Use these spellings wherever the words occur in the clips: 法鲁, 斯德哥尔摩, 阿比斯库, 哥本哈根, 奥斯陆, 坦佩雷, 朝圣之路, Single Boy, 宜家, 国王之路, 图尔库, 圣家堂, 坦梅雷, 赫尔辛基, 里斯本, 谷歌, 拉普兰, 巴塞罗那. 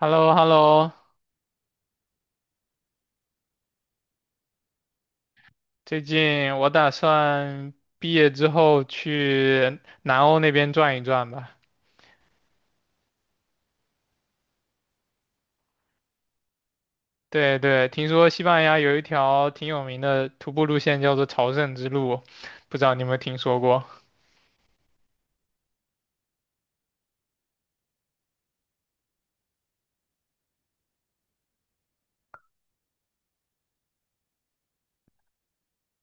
h e l l o h e l l o 最近我打算毕业之后去南欧那边转一转吧。对对，听说西班牙有一条挺有名的徒步路线叫做朝圣之路，不知道你有没有听说过？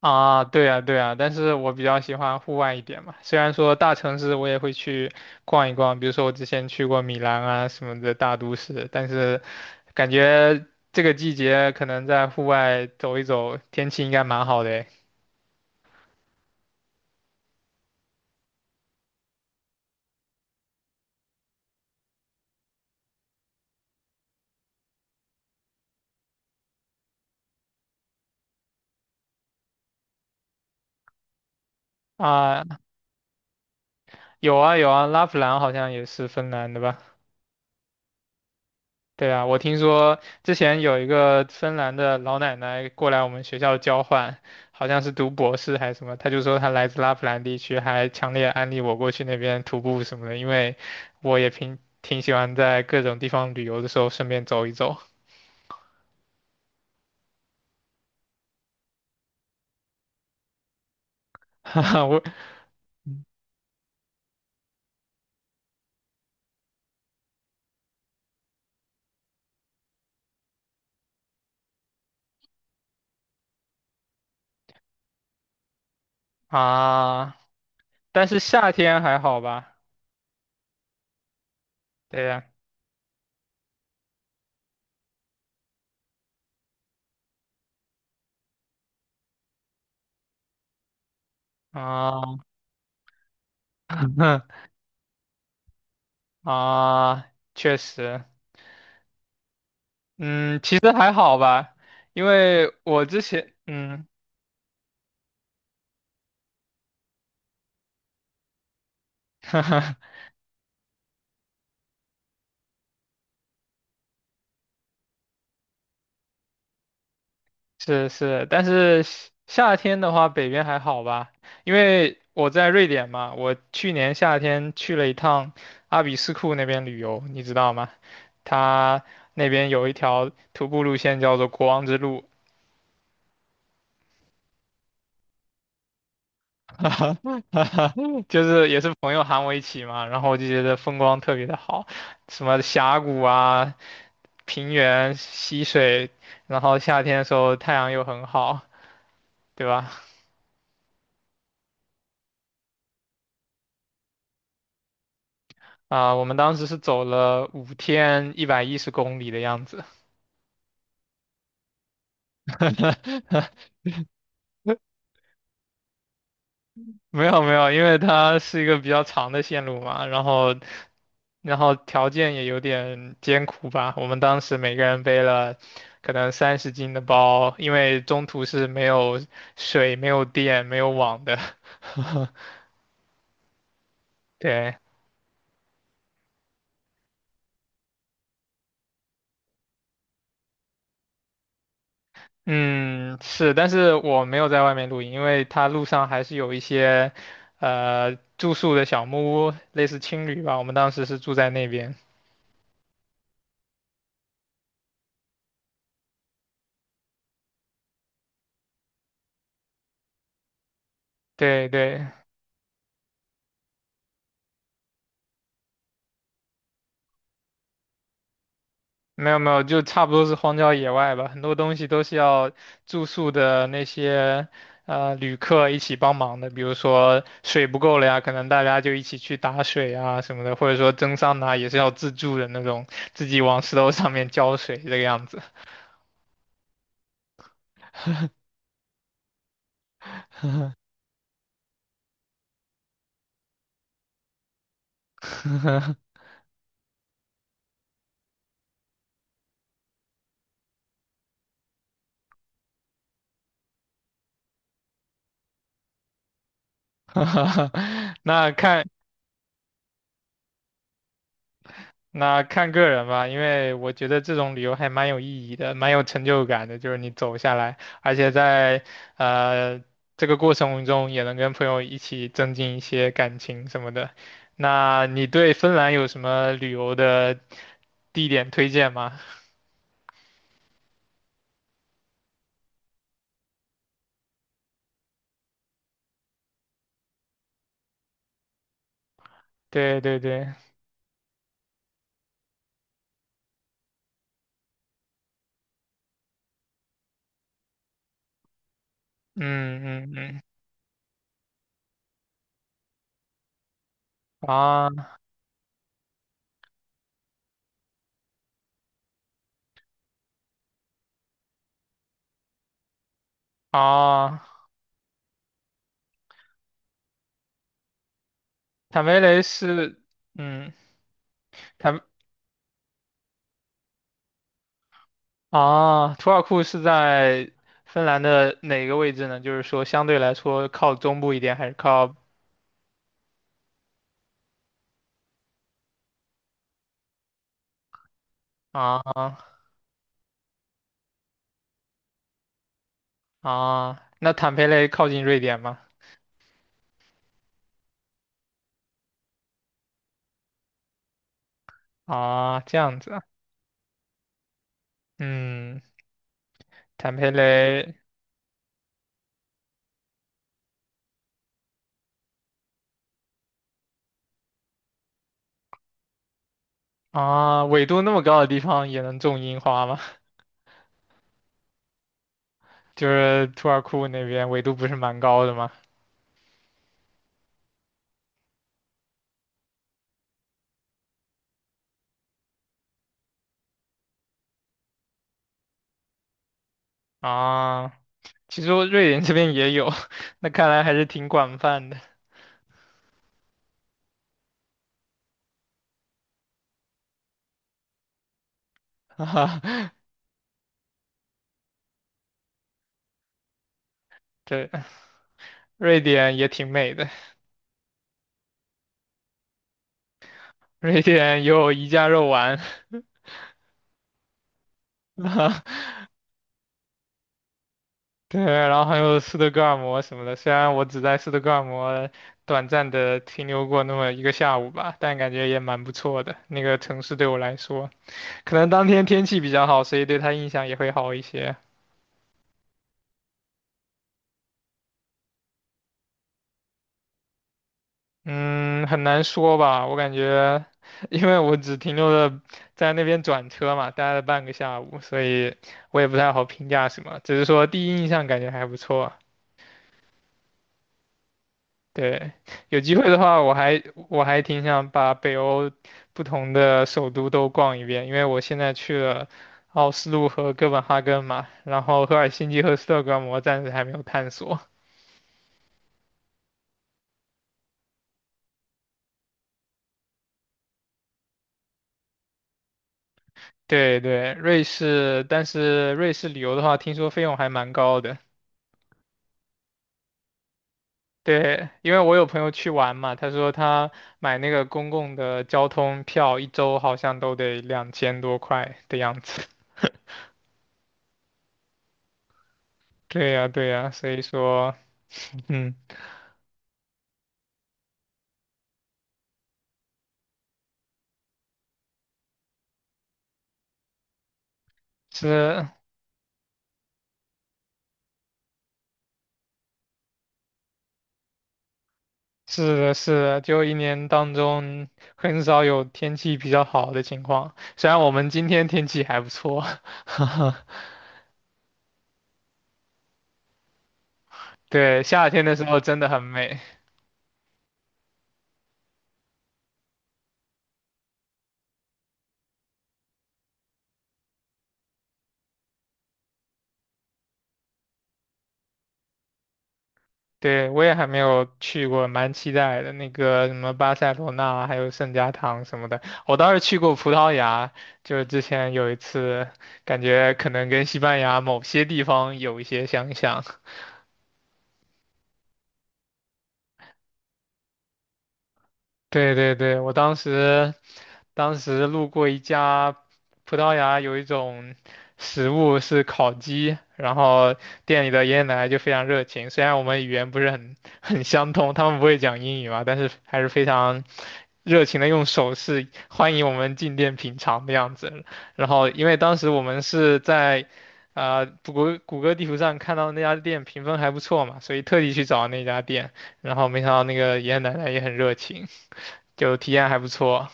啊，对啊对啊，但是我比较喜欢户外一点嘛。虽然说大城市我也会去逛一逛，比如说我之前去过米兰啊什么的大都市，但是感觉这个季节可能在户外走一走，天气应该蛮好的诶啊有啊有啊，拉普兰好像也是芬兰的吧？对啊，我听说之前有一个芬兰的老奶奶过来我们学校交换，好像是读博士还是什么，她就说她来自拉普兰地区，还强烈安利我过去那边徒步什么的，因为我也挺喜欢在各种地方旅游的时候顺便走一走。哈哈，我啊，但是夏天还好吧？对呀，啊 啊，确实。嗯，其实还好吧，因为我之前，嗯，哈哈是是，但是夏天的话，北边还好吧，因为我在瑞典嘛，我去年夏天去了一趟阿比斯库那边旅游，你知道吗？它那边有一条徒步路线叫做国王之路，哈哈 就是也是朋友喊我一起嘛，然后我就觉得风光特别的好，什么峡谷啊，平原溪水，然后夏天的时候太阳又很好，对吧？啊、我们当时是走了5天110公里的样子。没有没有，因为它是一个比较长的线路嘛，然后然后条件也有点艰苦吧。我们当时每个人背了可能30斤的包，因为中途是没有水、没有电、没有网的。对，嗯，是，但是我没有在外面露营，因为它路上还是有一些，住宿的小木屋，类似青旅吧。我们当时是住在那边。对对，没有没有，就差不多是荒郊野外吧。很多东西都是要住宿的那些，旅客一起帮忙的。比如说水不够了呀，可能大家就一起去打水啊什么的，或者说蒸桑拿也是要自助的那种，自己往石头上面浇水这个样子。那看那看个人吧，因为我觉得这种旅游还蛮有意义的，蛮有成就感的，就是你走下来，而且在呃这个过程中也能跟朋友一起增进一些感情什么的。那你对芬兰有什么旅游的地点推荐吗？对对对，嗯嗯嗯，啊啊，坦梅雷是，嗯。坦啊，图尔库是在芬兰的哪个位置呢？就是说，相对来说靠中部一点，还是靠啊啊？那坦佩雷靠近瑞典吗？啊，这样子啊嗯，坦佩雷啊，纬度那么高的地方也能种樱花吗？就是图尔库那边纬度不是蛮高的吗？啊，其实我瑞典这边也有，那看来还是挺广泛的 啊。对，瑞典也挺美的，瑞典有宜家肉丸。对，然后还有斯德哥尔摩什么的，虽然我只在斯德哥尔摩短暂的停留过那么一个下午吧，但感觉也蛮不错的。那个城市对我来说，可能当天天气比较好，所以对他印象也会好一些。嗯，很难说吧，我感觉，因为我只停留了在那边转车嘛，待了半个下午，所以我也不太好评价什么，只是说第一印象感觉还不错。对，有机会的话，我还挺想把北欧不同的首都都逛一遍，因为我现在去了奥斯陆和哥本哈根嘛，然后赫尔辛基和斯德哥尔摩暂时还没有探索。对对，瑞士，但是瑞士旅游的话，听说费用还蛮高的。对，因为我有朋友去玩嘛，他说他买那个公共的交通票，一周好像都得2000多块的样子。对呀，对呀，所以说，嗯，是，是的，是的，就一年当中很少有天气比较好的情况。虽然我们今天天气还不错，对，夏天的时候真的很美。对，我也还没有去过，蛮期待的。那个什么巴塞罗那，还有圣家堂什么的，我倒是去过葡萄牙，就是之前有一次，感觉可能跟西班牙某些地方有一些相像。对对对，我当时路过一家葡萄牙有一种食物是烤鸡，然后店里的爷爷奶奶就非常热情，虽然我们语言不是很相通，他们不会讲英语嘛，但是还是非常热情的用手势欢迎我们进店品尝的样子。然后因为当时我们是在谷歌地图上看到那家店评分还不错嘛，所以特地去找那家店，然后没想到那个爷爷奶奶也很热情。就体验还不错。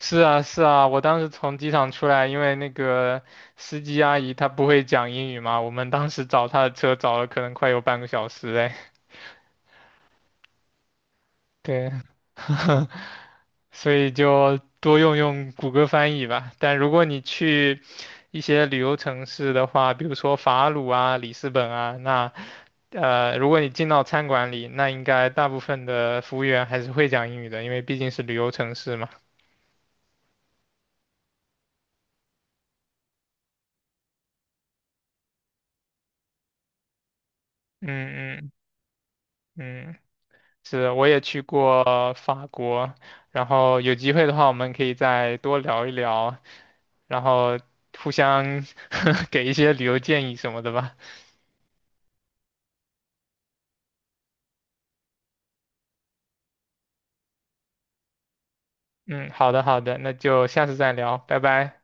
是啊，是啊，我当时从机场出来，因为那个司机阿姨她不会讲英语嘛，我们当时找她的车找了可能快有半个小时哎。对，所以就多用用谷歌翻译吧。但如果你去一些旅游城市的话，比如说法鲁啊、里斯本啊，那如果你进到餐馆里，那应该大部分的服务员还是会讲英语的，因为毕竟是旅游城市嘛。嗯嗯嗯。是，我也去过法国，然后有机会的话，我们可以再多聊一聊，然后互相 给一些旅游建议什么的吧。嗯，好的，好的，那就下次再聊，拜拜。